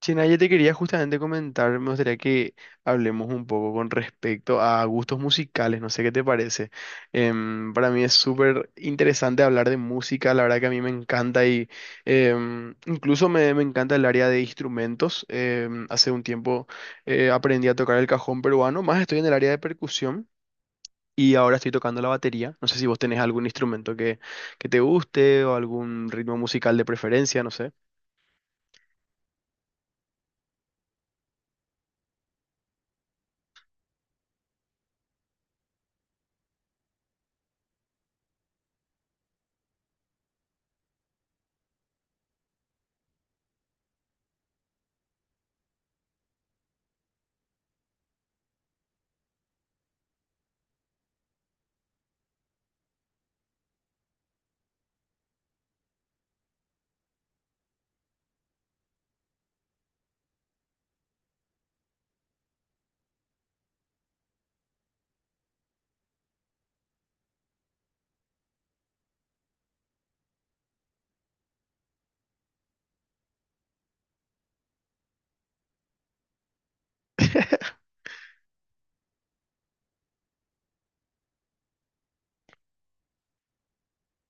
Chena, yo te quería justamente comentar, me gustaría que hablemos un poco con respecto a gustos musicales, no sé qué te parece. Para mí es súper interesante hablar de música, la verdad que a mí me encanta y incluso me encanta el área de instrumentos. Hace un tiempo aprendí a tocar el cajón peruano, más estoy en el área de percusión y ahora estoy tocando la batería. No sé si vos tenés algún instrumento que te guste o algún ritmo musical de preferencia, no sé.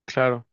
Claro.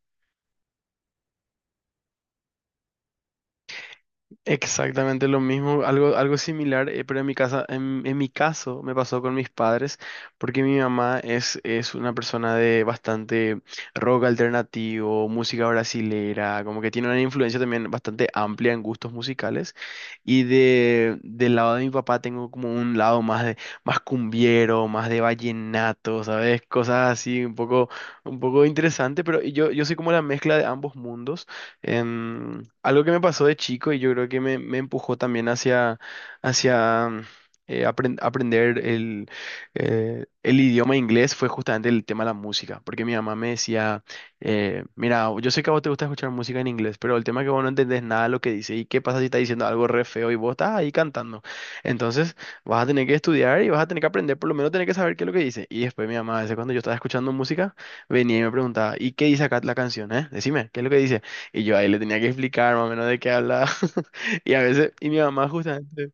Exactamente lo mismo, algo similar, pero en mi casa, en mi caso me pasó con mis padres, porque mi mamá es una persona de bastante rock alternativo, música brasilera, como que tiene una influencia también bastante amplia en gustos musicales, y del lado de mi papá tengo como un lado más de, más cumbiero, más de vallenato, ¿sabes? Cosas así, un poco interesante, pero yo soy como la mezcla de ambos mundos. Algo que me pasó de chico y yo creo que me empujó también hacia, hacia aprender el idioma inglés fue justamente el tema de la música, porque mi mamá me decía, mira, yo sé que a vos te gusta escuchar música en inglés, pero el tema es que vos no entendés nada de lo que dice y qué pasa si está diciendo algo re feo y vos estás ahí cantando. Entonces vas a tener que estudiar y vas a tener que aprender, por lo menos tener que saber qué es lo que dice. Y después mi mamá, a veces cuando yo estaba escuchando música, venía y me preguntaba, ¿y qué dice acá la canción, eh? Decime, ¿qué es lo que dice? Y yo ahí le tenía que explicar más o menos de qué hablaba. Y a veces, y mi mamá justamente,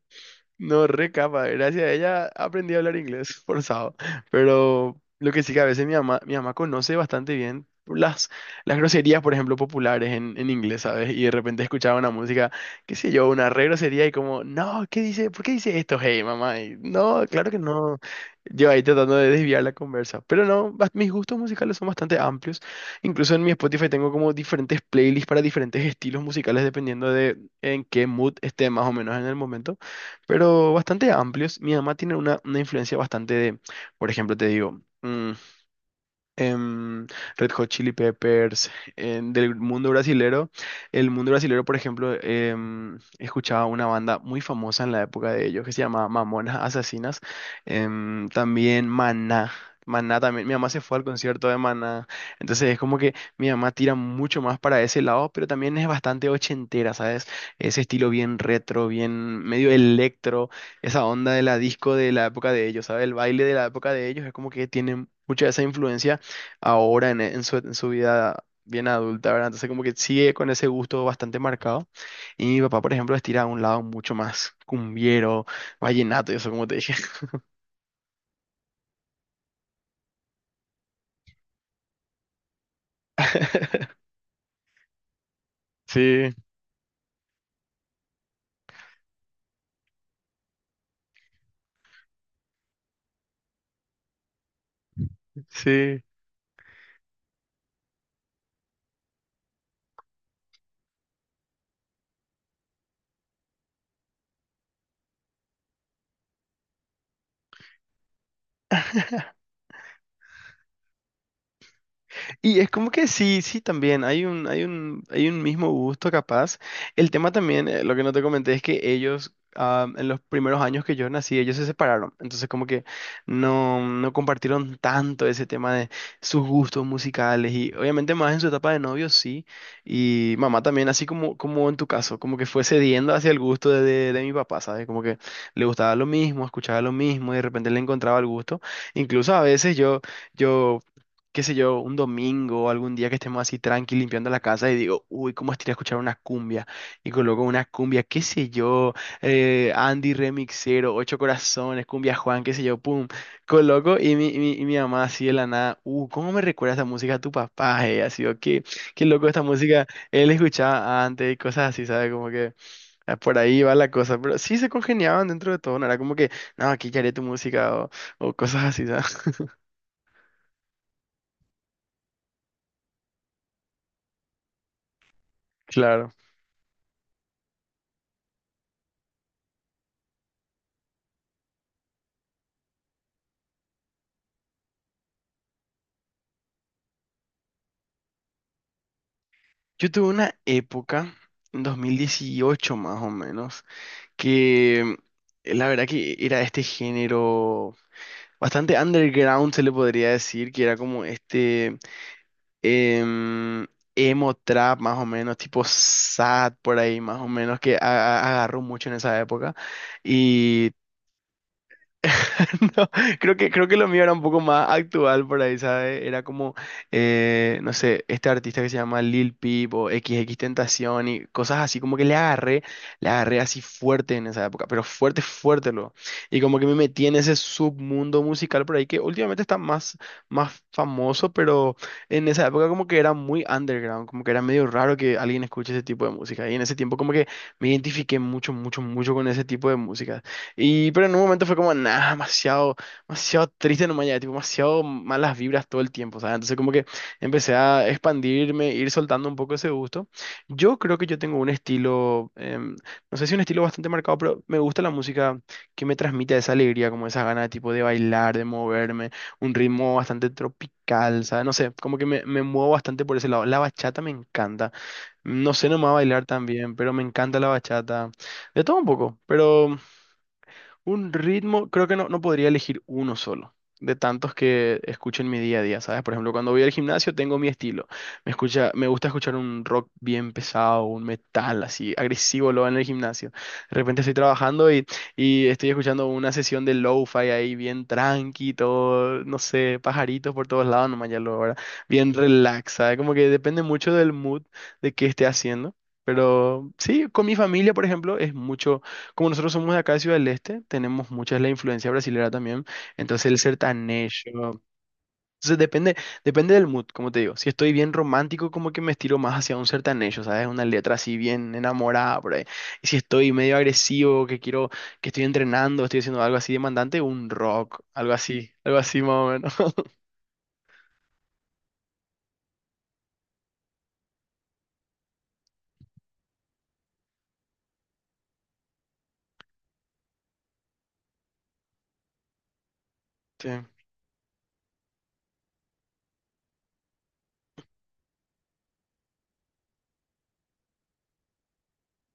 no, re capa. Gracias a ella aprendí a hablar inglés forzado. Pero lo que sí que a veces mi mamá conoce bastante bien las groserías, por ejemplo, populares en inglés, ¿sabes? Y de repente escuchaba una música, qué sé yo, una re grosería y como, no, ¿qué dice? ¿Por qué dice esto? Hey, mamá. Y, no, claro que no. Yo ahí tratando de desviar la conversa. Pero no, mis gustos musicales son bastante amplios. Incluso en mi Spotify tengo como diferentes playlists para diferentes estilos musicales dependiendo de en qué mood esté más o menos en el momento pero bastante amplios. Mi mamá tiene una influencia bastante de, por ejemplo, te digo, em, Red Hot Chili Peppers, del mundo brasilero. El mundo brasilero, por ejemplo, escuchaba una banda muy famosa en la época de ellos que se llamaba Mamonas Asesinas. También Maná. Maná también, mi mamá se fue al concierto de Maná, entonces es como que mi mamá tira mucho más para ese lado, pero también es bastante ochentera, ¿sabes? Ese estilo bien retro, bien medio electro, esa onda de la disco de la época de ellos, ¿sabes? El baile de la época de ellos es como que tiene mucha de esa influencia ahora en su vida bien adulta, ¿verdad? Entonces como que sigue con ese gusto bastante marcado. Y mi papá, por ejemplo, estira a un lado mucho más cumbiero, vallenato y eso, como te dije. Sí, sí. Y es como que sí, sí, también hay un mismo gusto capaz. El tema también, lo que no te comenté es que ellos, ah, en los primeros años que yo nací, ellos se separaron. Entonces como que no compartieron tanto ese tema de sus gustos musicales y obviamente más en su etapa de novio, sí. Y mamá también, así como, como en tu caso, como que fue cediendo hacia el gusto de mi papá, ¿sabes? Como que le gustaba lo mismo, escuchaba lo mismo y de repente le encontraba el gusto. Incluso a veces yo... Yo qué sé yo, un domingo, o algún día que estemos así tranqui limpiando la casa y digo, uy, cómo estaría escuchar una cumbia. Y coloco una cumbia, qué sé yo, Andy Remixero, Ocho Corazones, Cumbia Juan, qué sé yo, pum. Coloco y mi mamá así de la nada, ¿cómo me recuerda esta música a tu papá? ¿Eh? Así, o qué, qué loco esta música, él escuchaba antes y cosas así, ¿sabes? Como que ah, por ahí va la cosa, pero sí se congeniaban dentro de todo, no era como que, no, aquí ya haré tu música o cosas así, ¿sabes? Claro. Yo tuve una época, en 2018 más o menos, que la verdad que era este género bastante underground, se le podría decir, que era como este em, emo trap más o menos, tipo sad por ahí más o menos, que agarró mucho en esa época. No, creo creo que lo mío era un poco más actual por ahí, ¿sabes? Era como, no sé, este artista que se llama Lil Peep o XXXTentacion y cosas así, como que le agarré así fuerte en esa época, pero fuerte, fuerte luego. Y como que me metí en ese submundo musical por ahí que últimamente está más, más famoso, pero en esa época como que era muy underground, como que era medio raro que alguien escuche ese tipo de música. Y en ese tiempo como que me identifiqué mucho, mucho, mucho con ese tipo de música. Y, pero en un momento fue como, nada, demasiado, demasiado triste nomás ya, tipo, demasiado malas vibras todo el tiempo, ¿sabes? Entonces como que empecé a expandirme, ir soltando un poco ese gusto. Yo creo que yo tengo un estilo, no sé si un estilo bastante marcado, pero me gusta la música que me transmite esa alegría, como esas ganas, tipo, de bailar, de moverme, un ritmo bastante tropical, ¿sabes? No sé, como que me muevo bastante por ese lado. La bachata me encanta. No sé nomás bailar tan bien, pero me encanta la bachata. De todo un poco, pero... Un ritmo, creo que no, no podría elegir uno solo, de tantos que escucho en mi día a día, ¿sabes? Por ejemplo, cuando voy al gimnasio tengo mi estilo. Me gusta escuchar un rock bien pesado, un metal así, agresivo lo en el gimnasio. De repente estoy trabajando y estoy escuchando una sesión de lo-fi ahí bien tranqui, todo, no sé, pajaritos por todos lados, nomás ya lo ahora. Bien relax, ¿sabes? Como que depende mucho del mood de qué esté haciendo. Pero sí, con mi familia, por ejemplo, es mucho como nosotros somos de acá de Ciudad del Este, tenemos mucha la influencia brasilera también. Entonces el sertanejo. Entonces depende, depende del mood, como te digo. Si estoy bien romántico, como que me estiro más hacia un sertanejo, ¿sabes? Una letra así bien enamorada por ahí. Y si estoy medio agresivo, que quiero, que estoy entrenando, estoy haciendo algo así demandante, un rock, algo así más o menos.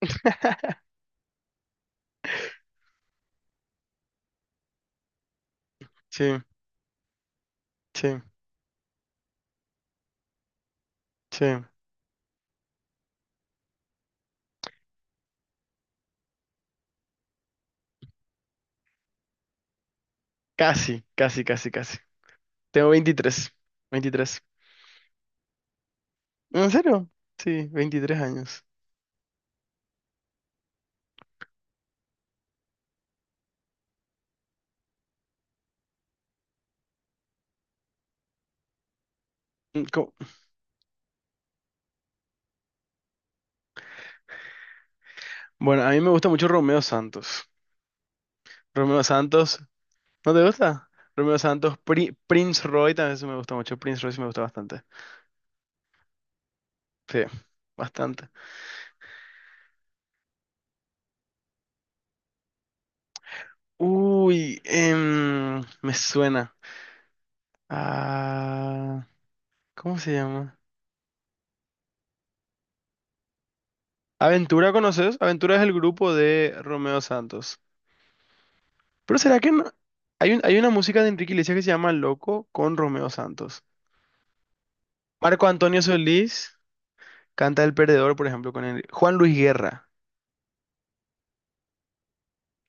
Sí, sí, sí, sí. Casi, casi, casi, casi. Tengo 23 23 ¿En serio? Sí, 23 años. Bueno, a mí me gusta mucho Romeo Santos. Romeo Santos, ¿no te gusta? Romeo Santos, Prince Roy también sí me gusta mucho. Prince Roy sí me gusta bastante. Sí, bastante. Uy, me suena. Ah, ¿cómo se llama? Aventura, ¿conoces? Aventura es el grupo de Romeo Santos. Pero ¿será que no? Hay una música de Enrique Iglesias que se llama Loco con Romeo Santos. Marco Antonio Solís canta El Perdedor, por ejemplo, Juan Luis Guerra.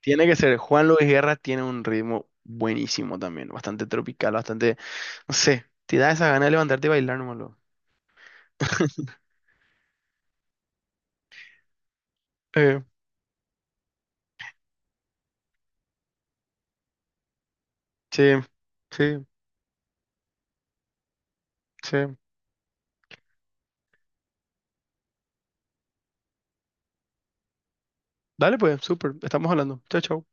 Tiene que ser. Juan Luis Guerra tiene un ritmo buenísimo también, bastante tropical, bastante, no sé, te da esa gana de levantarte y bailar nomás. Luego. Eh, sí, sí, sí. Dale pues, súper, estamos hablando. Chao, chao.